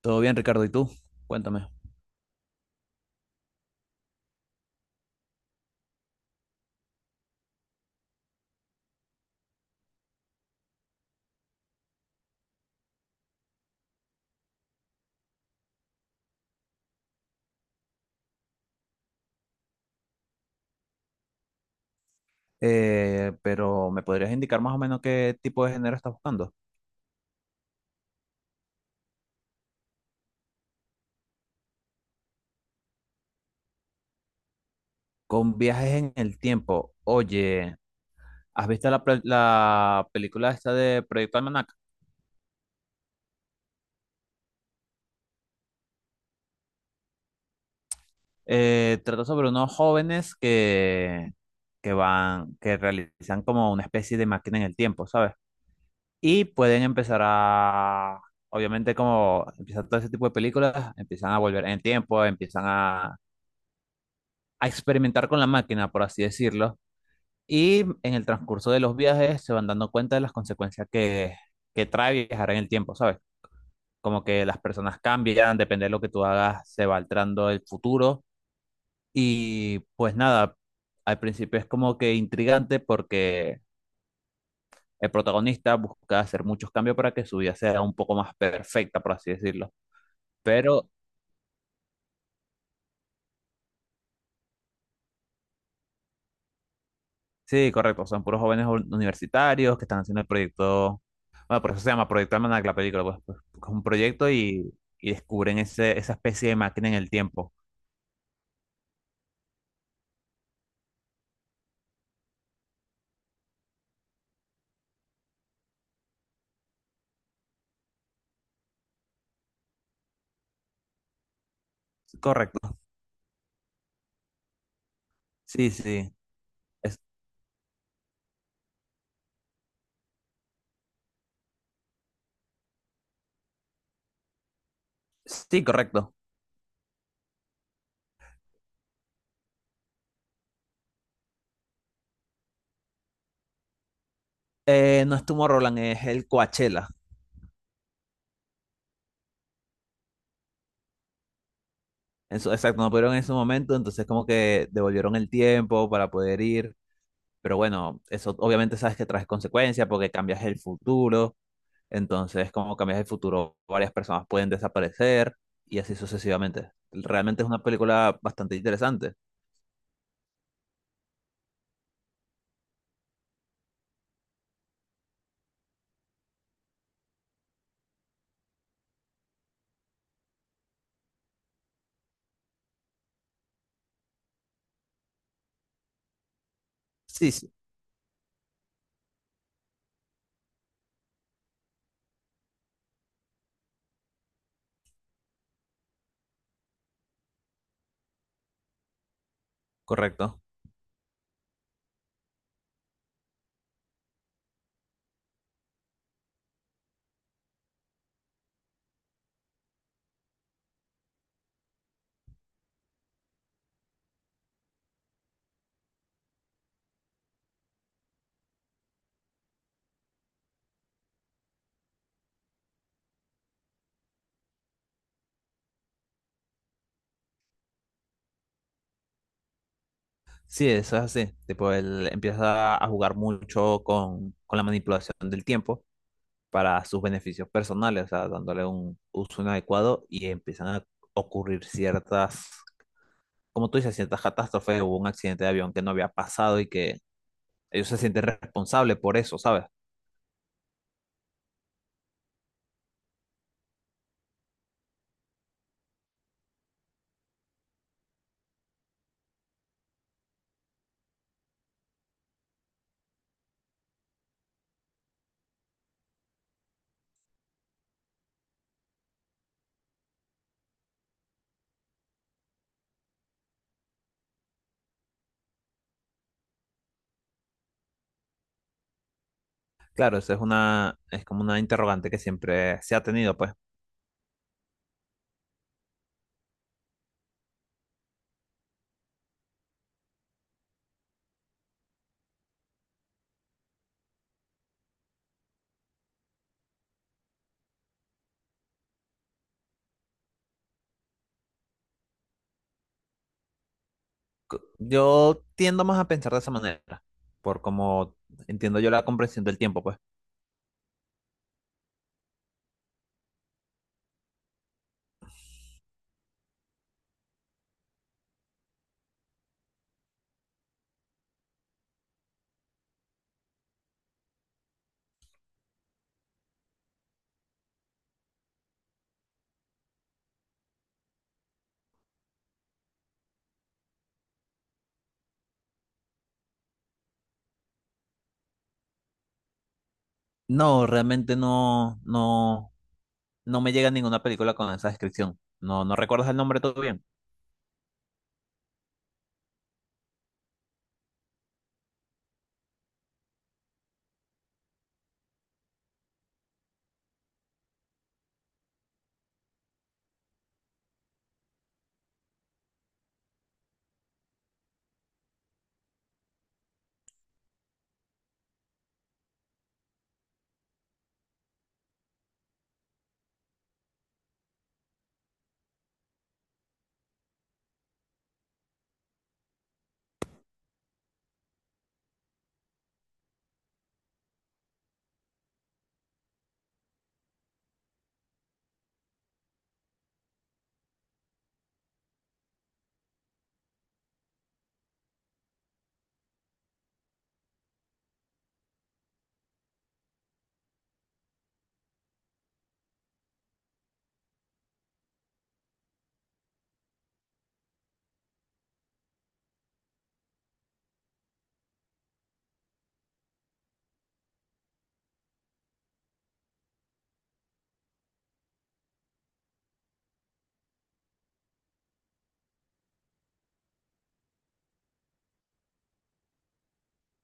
Todo bien, Ricardo, ¿y tú? Cuéntame. Pero ¿me podrías indicar más o menos qué tipo de género estás buscando? Con viajes en el tiempo. Oye, ¿has visto la película esta de Proyecto Almanac? Trata sobre unos jóvenes que realizan como una especie de máquina en el tiempo, ¿sabes? Y pueden empezar a, obviamente como empiezan todo ese tipo de películas, empiezan a volver en el tiempo, empiezan a experimentar con la máquina, por así decirlo. Y en el transcurso de los viajes se van dando cuenta de las que trae viajar en el tiempo, ¿sabes? Como que las personas cambian, depende de lo que tú hagas, se va alterando el futuro. Y pues nada, al principio es como que intrigante porque el protagonista busca hacer muchos cambios para que su vida sea un poco más perfecta, por así decirlo. Pero sí, correcto. Son puros jóvenes universitarios que están haciendo el proyecto. Bueno, por eso se llama Proyecto Almanac la película, pues, pues, es un proyecto y descubren esa especie de máquina en el tiempo. Correcto. Sí, sí. Es- sí, correcto. No es Roland, es el Coachella. Eso, exacto, no pudieron en ese momento, entonces como que devolvieron el tiempo para poder ir. Pero bueno, eso obviamente sabes que trae consecuencias porque cambias el futuro. Entonces, como cambias el futuro, varias personas pueden desaparecer y así sucesivamente. Realmente es una película bastante interesante. Sí, sí, correcto. Sí, eso es así. Tipo, él empieza a jugar mucho con la manipulación del tiempo para sus beneficios personales, o sea, dándole un uso inadecuado y empiezan a ocurrir como tú dices, ciertas catástrofes. Hubo un accidente de avión que no había pasado y que ellos se sienten responsables por eso, ¿sabes? Claro, es como una interrogante que siempre se ha tenido, pues. Yo tiendo más a pensar de esa manera, por como entiendo yo la comprensión del tiempo, pues. No, realmente no me llega ninguna película con esa descripción. No, no recuerdas el nombre todo bien.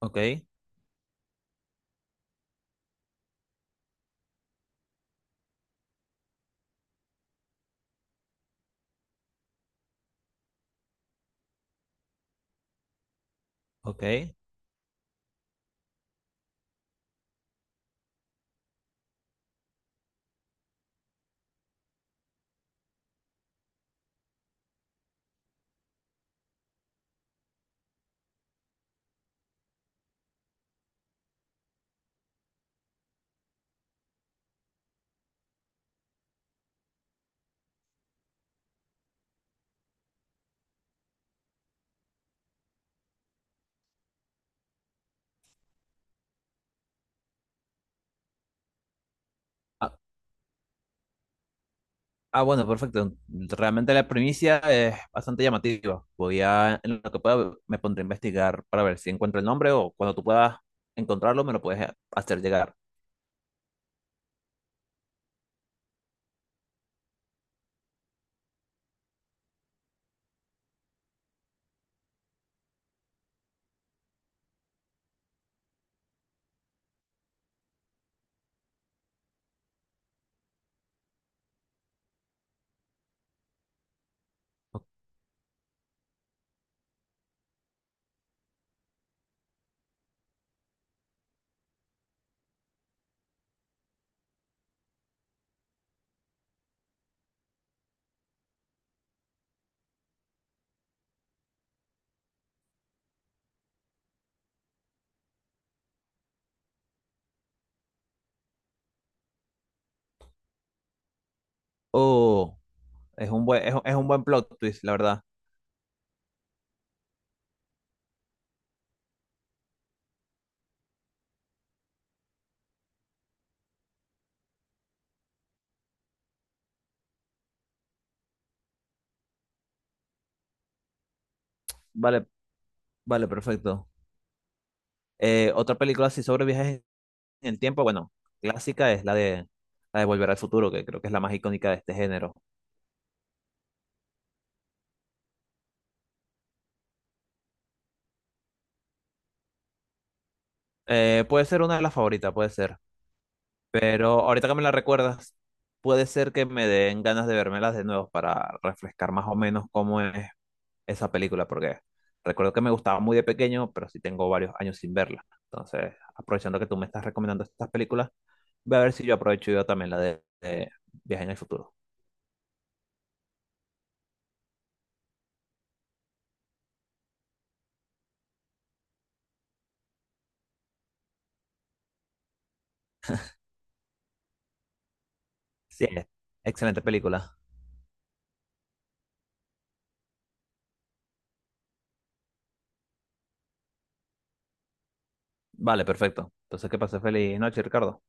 Ok, ok. Ah, ah, bueno, perfecto. Realmente la primicia es bastante llamativa. Voy a, en lo que pueda, me pondré a investigar para ver si encuentro el nombre o cuando tú puedas encontrarlo, me lo puedes hacer llegar. Oh. Es un es un buen plot twist, la verdad. Vale, vale, perfecto. Otra película así sobre viajes en el tiempo, bueno, clásica es la de Volver al Futuro, que creo que es la más icónica de este género. Puede ser una de las favoritas, puede ser. Pero ahorita que me la recuerdas, puede ser que me den ganas de vermelas de nuevo para refrescar más o menos cómo es esa película porque recuerdo que me gustaba muy de pequeño, pero sí tengo varios años sin verla. Entonces, aprovechando que tú me estás recomendando estas películas, voy a ver si yo aprovecho yo también de Viaje en el Futuro. Sí, excelente película. Vale, perfecto. Entonces, que pases feliz noche, Ricardo.